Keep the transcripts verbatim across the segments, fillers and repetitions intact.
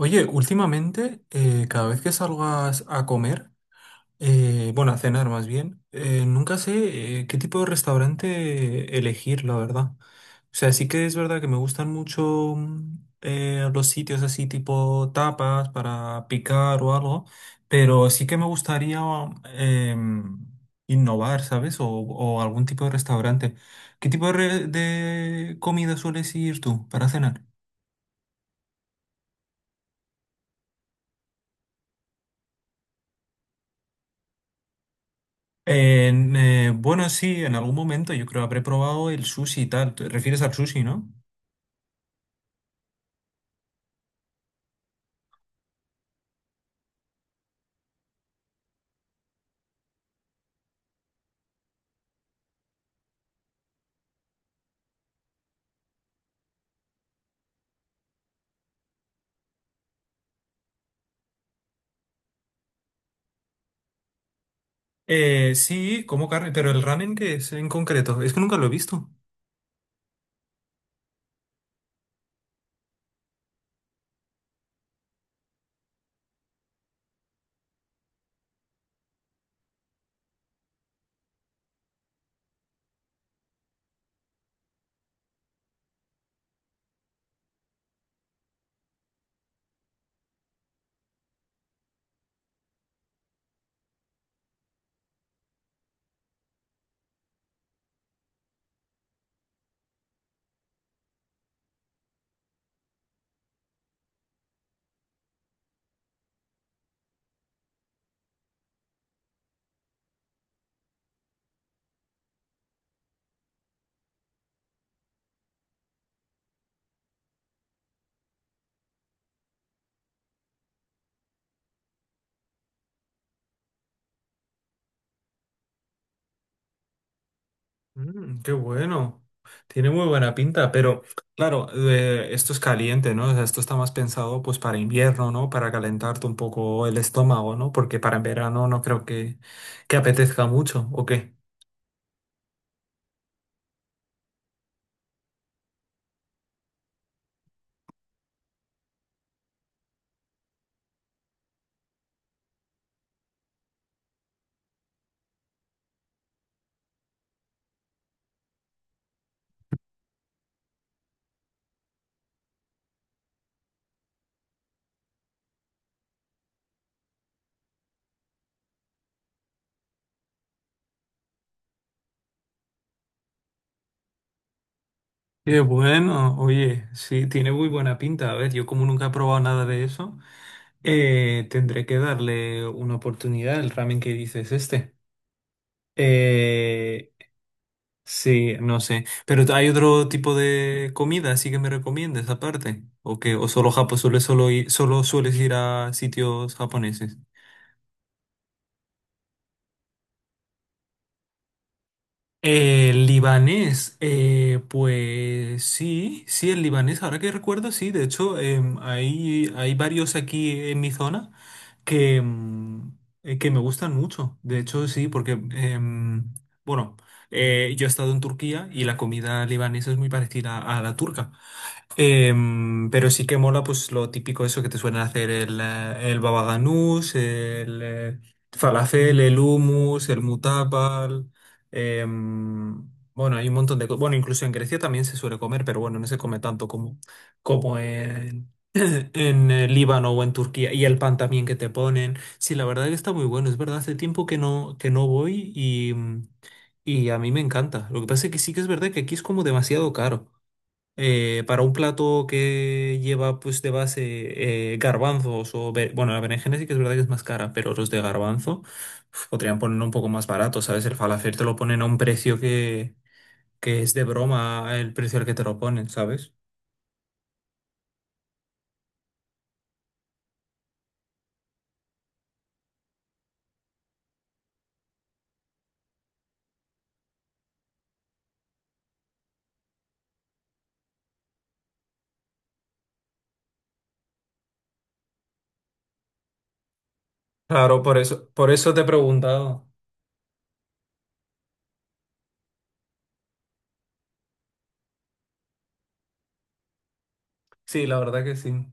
Oye, últimamente, eh, cada vez que salgo a, a comer, eh, bueno, a cenar más bien, eh, nunca sé eh, qué tipo de restaurante elegir, la verdad. O sea, sí que es verdad que me gustan mucho mm, eh, los sitios así tipo tapas para picar o algo, pero sí que me gustaría em, innovar, ¿sabes? O, o algún tipo de restaurante. ¿Qué tipo de, re- de comida sueles ir tú para cenar? En, eh, bueno, sí, en algún momento yo creo habré probado el sushi y tal. ¿Te refieres al sushi, no? Eh, sí, como carne, pero el ramen que es en concreto, es que nunca lo he visto. Mm, qué bueno. Tiene muy buena pinta, pero claro, eh, esto es caliente, ¿no? O sea, esto está más pensado pues para invierno, ¿no? Para calentarte un poco el estómago, ¿no? Porque para en verano no creo que, que apetezca mucho, ¿o qué? Qué bueno, oye, sí, tiene muy buena pinta. A ver, yo como nunca he probado nada de eso, eh, tendré que darle una oportunidad al ramen que dices este. Eh, sí, no sé. Pero hay otro tipo de comida, así que me recomiendes aparte. ¿O qué? ¿O solo Japón, solo, solo, ir- solo sueles ir a sitios japoneses? El libanés, eh, pues sí, sí, el libanés, ahora que recuerdo, sí, de hecho, em, hay, hay varios aquí en mi zona que, mm, eh, que me gustan mucho, de hecho, sí, porque, em, bueno, eh, yo he estado en Turquía y la comida libanesa es muy parecida a la turca. Em, pero sí que mola pues lo típico eso que te suelen hacer el, eh, el baba ganús, el eh, falafel, el hummus, el mutabal. em, bueno, hay un montón de cosas. Bueno, incluso en Grecia también se suele comer, pero bueno, no se come tanto como, como en, en eh, Líbano o en Turquía. Y el pan también que te ponen. Sí, la verdad que está muy bueno. Es verdad, hace tiempo que no, que no voy y, mm, y a mí me encanta. Lo que pasa es que sí que es verdad que aquí es como demasiado caro eh, para un plato que lleva pues de base eh, garbanzos o be- bueno, la berenjena sí que es verdad que es más cara, pero los de garbanzo uf, podrían ponerlo un poco más barato, ¿sabes? El falafel te lo ponen a un precio que, que es de broma el precio al que te lo ponen, ¿sabes? Claro, por eso, por eso te he preguntado. Sí, la verdad que sí.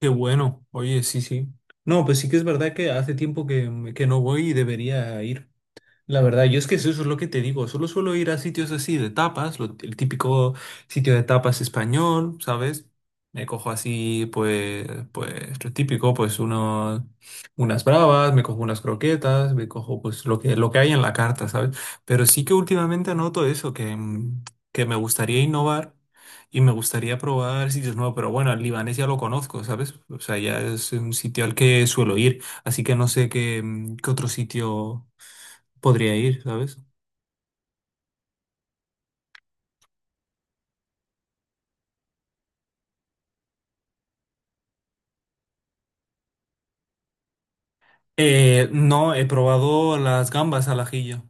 Qué bueno, oye, sí, sí. No, pues sí que es verdad que hace tiempo que, que no voy y debería ir. La verdad, yo es que eso es lo que te digo, solo suelo ir a sitios así de tapas, lo- el típico sitio de tapas español, ¿sabes? Me cojo así, pues, pues lo típico, pues unos, unas bravas, me cojo unas croquetas, me cojo pues lo que, lo que hay en la carta, ¿sabes? Pero sí que últimamente noto eso, que, mm, que me gustaría innovar y me gustaría probar sitios nuevos, pero bueno, el libanés ya lo conozco, ¿sabes? O sea, ya es un sitio al que suelo ir, así que no sé qué, mm, qué otro sitio... Podría ir, ¿sabes? Eh, no, he probado las gambas al ajillo.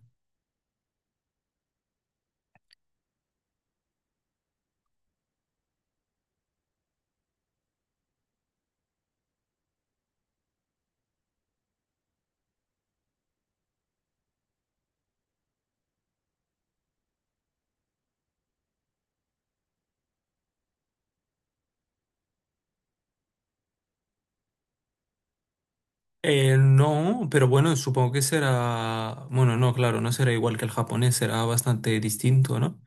Eh, no, pero bueno, supongo que será... Bueno, no, claro, no será igual que el japonés, será bastante distinto, ¿no?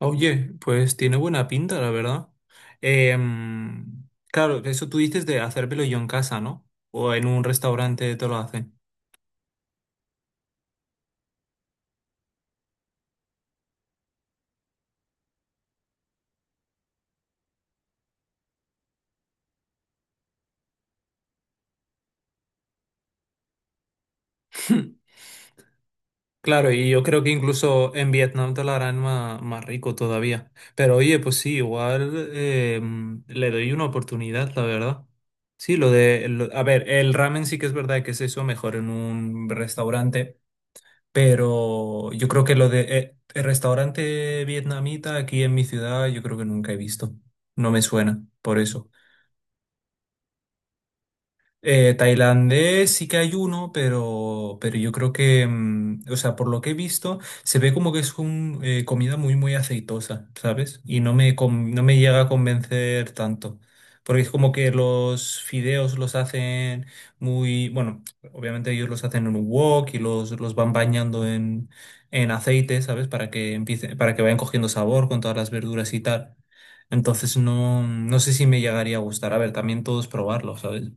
Oye, pues tiene buena pinta, la verdad. Em, claro, eso tú dices de hacérmelo yo en casa, ¿no? O en un restaurante te lo hacen. Claro, y yo creo que incluso en Vietnam te lo harán más, más rico todavía. Pero oye, pues sí, igual eh, mm, le doy una oportunidad, la verdad. Sí, lo de, lo- a ver, el ramen sí que es verdad que es eso, mejor en un restaurante, pero yo creo que lo de eh, el restaurante vietnamita aquí en mi ciudad, yo creo que nunca he visto. No me suena, por eso. Eh, tailandés sí que hay uno, pero, pero yo creo que, mm, o sea, por lo que he visto, se ve como que es un, eh, comida muy, muy aceitosa, ¿sabes? Y no me, con- no me llega a convencer tanto. Porque es como que los fideos los hacen muy, bueno, obviamente ellos los hacen en un wok y los, los van bañando en, en aceite, ¿sabes? Para que empiece, para que vayan cogiendo sabor con todas las verduras y tal. Entonces no, no sé si me llegaría a gustar. A ver, también todos probarlo, ¿sabes?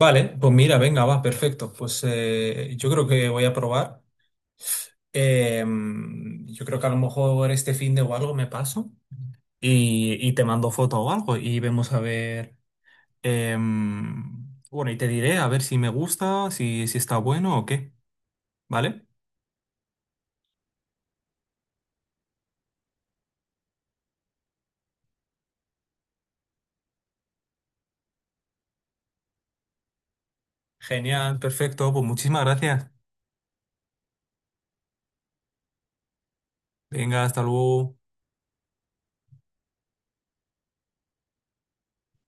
Vale, pues mira, venga, va, perfecto. Pues eh, yo creo que voy a probar. Em, yo creo que a lo mejor este fin de o algo me paso y, y te mando foto o algo y vemos a ver. Em, bueno, y te diré a ver si me gusta, si, si está bueno o qué. ¿Vale? Genial, perfecto. Pues muchísimas gracias. Venga, hasta luego.